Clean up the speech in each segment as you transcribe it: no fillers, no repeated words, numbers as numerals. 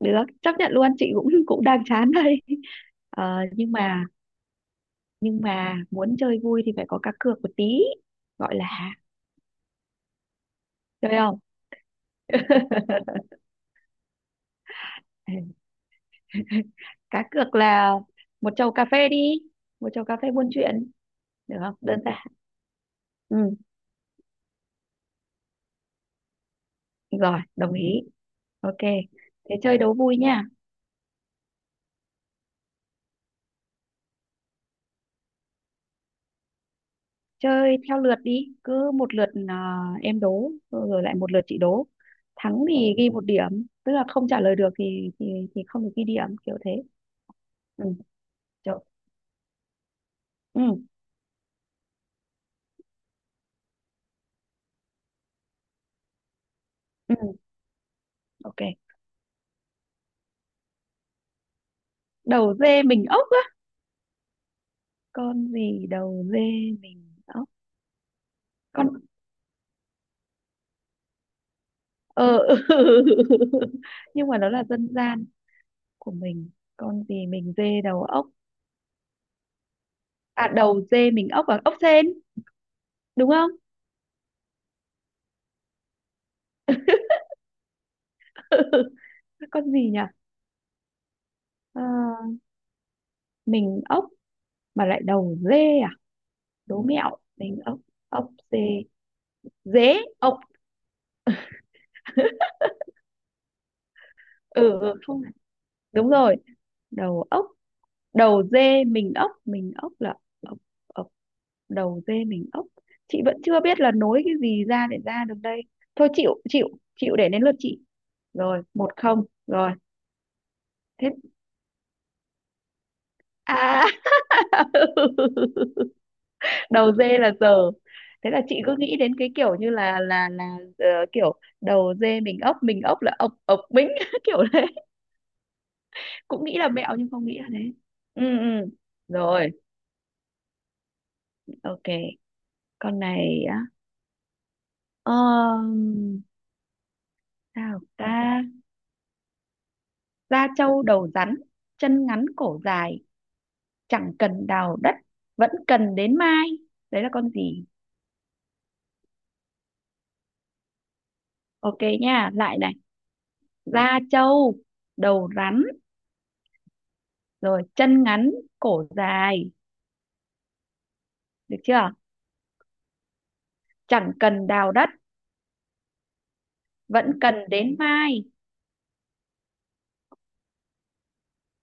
Được chấp nhận luôn, chị cũng cũng đang chán đây. Ờ, nhưng mà nhưng mà muốn chơi vui thì phải có cá cược một tí, gọi là. Chơi không? Cá cược là một chầu cà phê đi, một chầu cà phê buôn chuyện, được không, đơn giản. Ừ, rồi đồng ý. Ok, thế chơi đố vui nha. Chơi theo lượt đi, cứ một lượt à, em đố rồi lại một lượt chị đố. Thắng thì ghi một điểm, tức là không trả lời được thì không được ghi điểm, kiểu thế. Ừ, rồi. Ừ. Ừ. Ok. Đầu dê mình ốc á? Con gì đầu dê mình ốc? Con... ờ. Nhưng mà nó là dân gian của mình. Con gì mình dê đầu ốc? À, đầu dê mình ốc và ốc sên, đúng không? Con gì nhỉ? Ờ, mình ốc mà lại đầu dê à? Đố mẹo. Mình ốc, ốc dê, dế, ốc. Ừ. Ừ, không, đúng rồi. Đầu ốc, đầu dê mình ốc, mình ốc là ốc. Ốc. Đầu dê mình ốc. Chị vẫn chưa biết là nối cái gì ra để ra được đây. Thôi, chịu, chịu. Chịu, để đến lượt chị. Rồi, một không rồi. Thế à. Đầu dê là giờ. Thế là chị cứ nghĩ đến cái kiểu như là ờ, kiểu đầu dê mình ốc, mình ốc là ộc ộc bính, kiểu đấy. Cũng nghĩ là mẹo nhưng không nghĩ là thế. Ừ. Ừ, rồi ok. Con này á? um, Sao ta? Da trâu đầu rắn, chân ngắn cổ dài, chẳng cần đào đất vẫn cần đến mai. Đấy là con gì? Ok nha, lại này. Da trâu, đầu rắn, rồi chân ngắn cổ dài, được chưa? Chẳng cần đào đất, vẫn cần đến mai.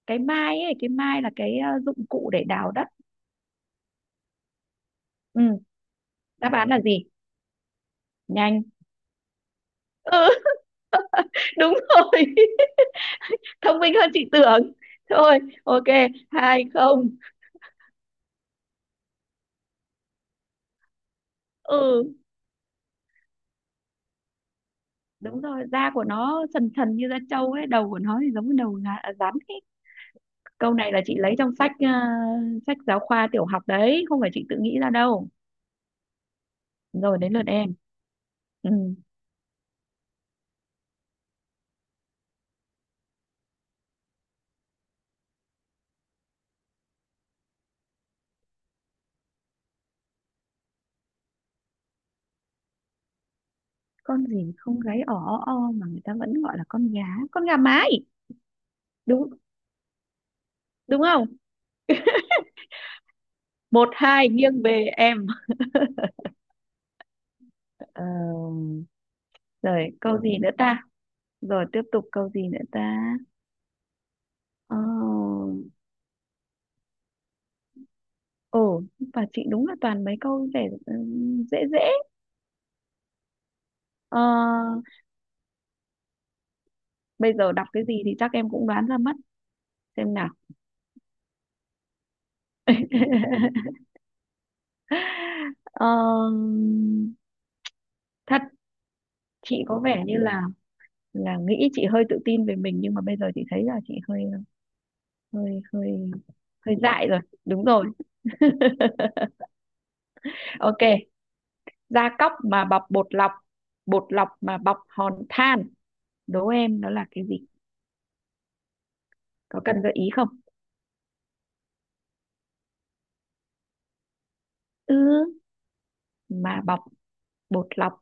Cái mai ấy, cái mai là cái dụng cụ để đào đất. Ừ. Đáp án là gì? Nhanh. Ừ. Đúng rồi. Thông minh hơn chị tưởng. Thôi, ok. Hai không. Ừ, đúng rồi, da của nó sần sần như da trâu ấy, đầu của nó thì giống như đầu rắn ấy. Câu này là chị lấy trong sách sách giáo khoa tiểu học đấy, không phải chị tự nghĩ ra đâu. Rồi, đến lượt em. Ừ. Con gì không gáy ỏ o mà người ta vẫn gọi là con gá? Con gà mái. Đúng. Đúng không? Một hai, nghiêng về em. Ờ. Rồi, câu gì nữa ta? Rồi tiếp tục, câu gì nữa ta? Ờ. Ồ, và chị đúng là toàn mấy câu để dễ dễ. Ờ, bây giờ đọc cái gì thì chắc em cũng đoán ra mất. Xem nào. Ờ, thật. Chị có vẻ như là nghĩ, chị hơi tự tin về mình nhưng mà bây giờ chị thấy là chị hơi, hơi hơi dại rồi, đúng rồi. Ok. Da cóc mà bọc bột lọc, bột lọc mà bọc hòn than, đố em nó là cái gì? Có cần gợi ý không? Ừ, mà bọc bột lọc,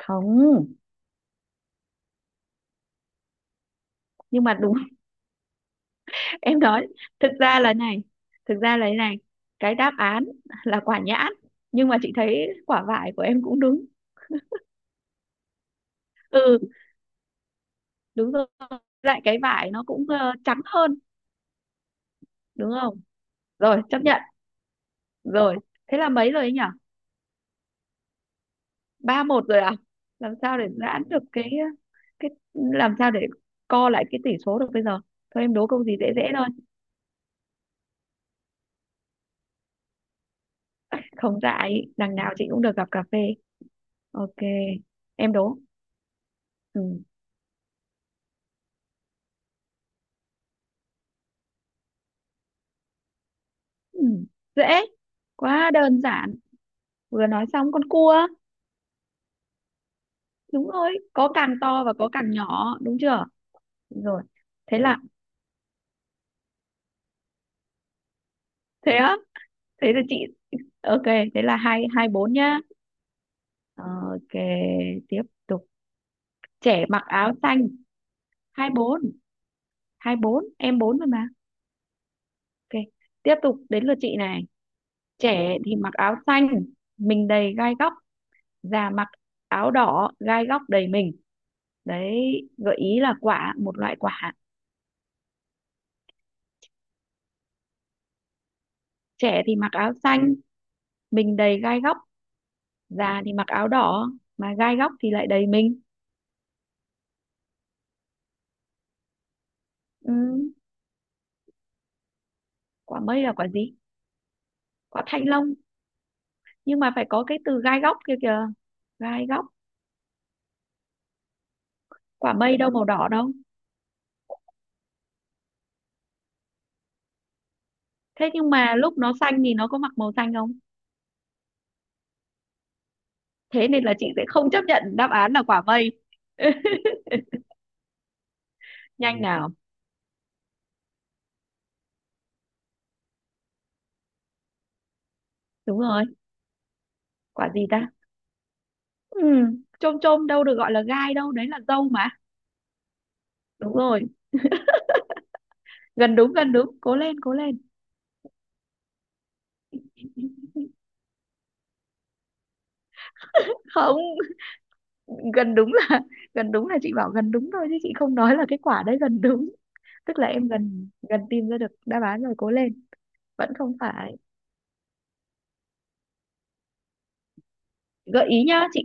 không. Nhưng mà đúng. Em nói, thực ra là này, thực ra là thế này: cái đáp án là quả nhãn, nhưng mà chị thấy quả vải của em cũng đúng. Ừ. Đúng rồi. Lại cái vải nó cũng, ơ, trắng hơn, đúng không? Rồi, chấp nhận. Rồi, thế là mấy rồi ấy nhỉ? Ba một rồi à? Làm sao để giãn được cái cái, làm sao để co lại cái tỷ số được bây giờ? Thôi em đố câu gì dễ dễ thôi. Không dại, đằng nào chị cũng được gặp cà phê. Ok, em đố. Ừ. Ừ. Dễ. Quá đơn giản. Vừa nói xong, con cua. Đúng rồi, có càng to và có càng nhỏ, đúng chưa? Đúng rồi. Thế là thế á, thế là chị, ok, thế là hai hai bốn nhá. Ờ, ok, tiếp tục, trẻ mặc áo xanh. Hai bốn, hai bốn, em bốn rồi mà. Ok, tiếp tục, đến lượt chị này. Trẻ thì mặc áo xanh, mình đầy gai góc, già mặc áo đỏ, gai góc đầy mình. Đấy, gợi ý là quả, một loại quả. Trẻ thì mặc áo xanh, mình đầy gai góc, già thì mặc áo đỏ mà gai góc thì lại đầy mình. Ừ, quả mây là quả gì? Quả thanh long, nhưng mà phải có cái từ gai góc kia kìa, gai góc. Quả mây đâu màu đỏ đâu. Thế nhưng mà lúc nó xanh thì nó có mặc màu xanh không? Thế nên là chị sẽ không chấp nhận đáp án là quả mây. Nhanh nào. Đúng rồi. Quả gì ta? Ừ, chôm chôm đâu được gọi là gai đâu, đấy là dâu mà. Đúng rồi, gần đúng, gần đúng, cố lên, cố lên. Không, gần đúng là, gần đúng là chị bảo gần đúng thôi chứ chị không nói là cái quả đấy gần đúng. Tức là em gần, gần tìm ra được đáp án rồi, cố lên. Vẫn không phải. Gợi ý nhá. chị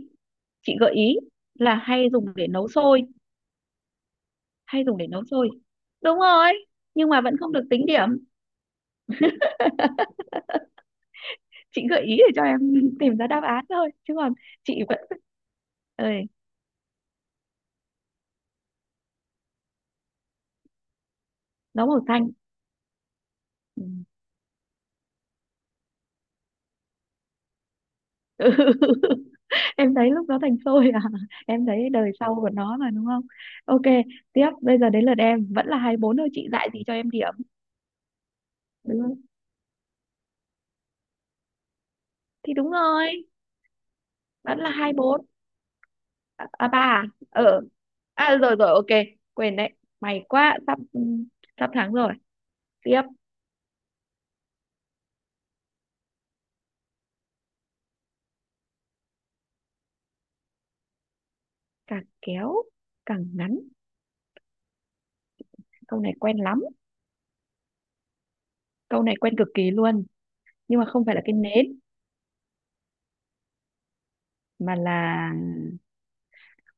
chị gợi ý là hay dùng để nấu xôi. Hay dùng để nấu xôi. Đúng rồi, nhưng mà vẫn không được tính điểm. Chị gợi ý để cho em tìm ra đáp án thôi, chứ còn chị vẫn. Ơi, nó màu xanh. Ừ. Em thấy lúc nó thành xôi à? Em thấy đời sau của nó mà, đúng không? Ok, tiếp. Bây giờ đến lượt em, vẫn là hai bốn thôi, chị dạy gì cho em điểm. Đúng không? Thì đúng rồi. Vẫn là hai bốn. À, à, ba à? Ờ, à rồi, rồi ok, quên đấy. May quá, sắp, sắp thắng rồi. Tiếp. Càng kéo càng ngắn. Câu này quen lắm, câu này quen cực kỳ luôn, nhưng mà không phải là cái nến mà là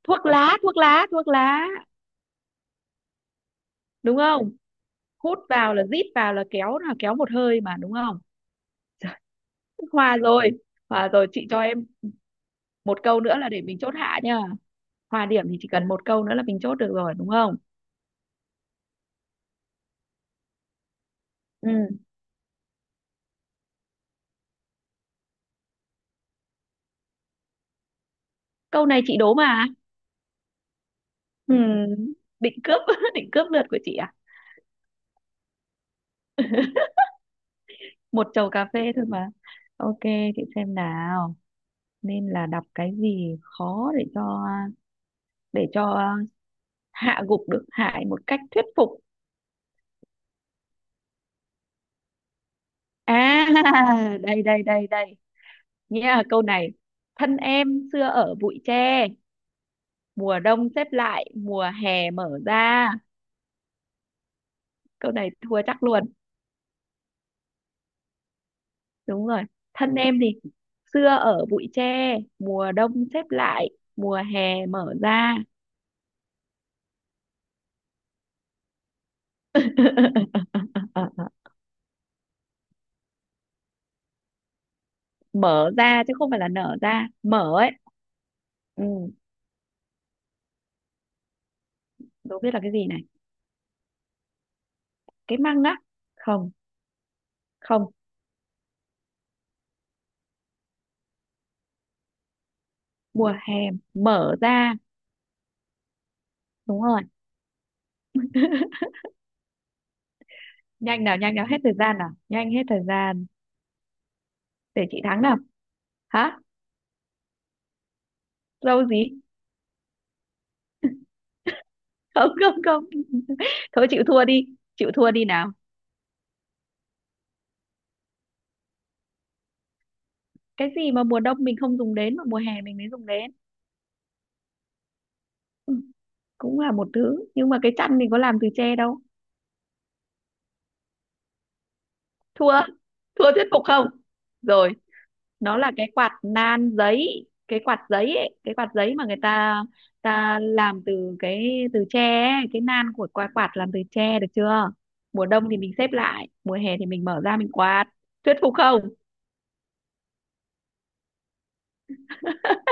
thuốc lá, thuốc lá, thuốc lá. Đúng không? Hút vào, là rít vào, là kéo, là kéo một hơi mà, đúng không? Hòa rồi. Hòa rồi, chị cho em một câu nữa là để mình chốt hạ nha. Hòa điểm thì chỉ cần một câu nữa là mình chốt được rồi, đúng không? Ừ. Câu này chị đố mà. Ừ. Định cướp định cướp lượt của chị à? Một chầu cà phê thôi mà. Ok, chị xem nào. Nên là đọc cái gì khó để cho, để cho hạ gục được Hải một cách thuyết phục. À, đây đây đây đây nha, câu này. Thân em xưa ở bụi tre, mùa đông xếp lại mùa hè mở ra. Câu này thua chắc luôn. Đúng rồi. Thân em thì xưa ở bụi tre, mùa đông xếp lại, mùa hè mở ra. Mở ra chứ không phải là nở ra, mở ấy. Ừ. Đố biết là cái gì này. Cái măng á? Không. Không. Mùa hè mở ra. Đúng rồi. Nhanh nào, nhanh nào, hết thời gian nào, nhanh, hết thời gian. Để chị thắng nào. Hả? Lâu gì? Không, không, không. Thôi, chịu thua đi. Chịu thua đi nào. Cái gì mà mùa đông mình không dùng đến mà mùa hè mình mới dùng đến. Ừ, cũng là một thứ nhưng mà cái chăn mình có làm từ tre đâu. Thua. Thua thuyết phục không? Rồi, nó là cái quạt nan giấy, cái quạt giấy ấy, cái quạt giấy mà người ta ta làm từ cái từ tre ấy, cái nan của quạt, quạt làm từ tre, được chưa? Mùa đông thì mình xếp lại, mùa hè thì mình mở ra mình quạt. Thuyết phục không?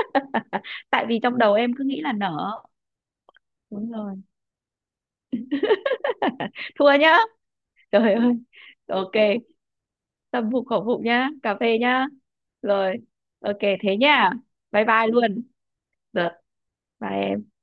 Tại vì trong đầu em cứ nghĩ là nở. Đúng rồi. Thua nhá. Trời ơi. Ok, tâm phục khẩu phục nhá, cà phê nhá. Rồi, ok thế nhá. Bye bye luôn. Được, bye em.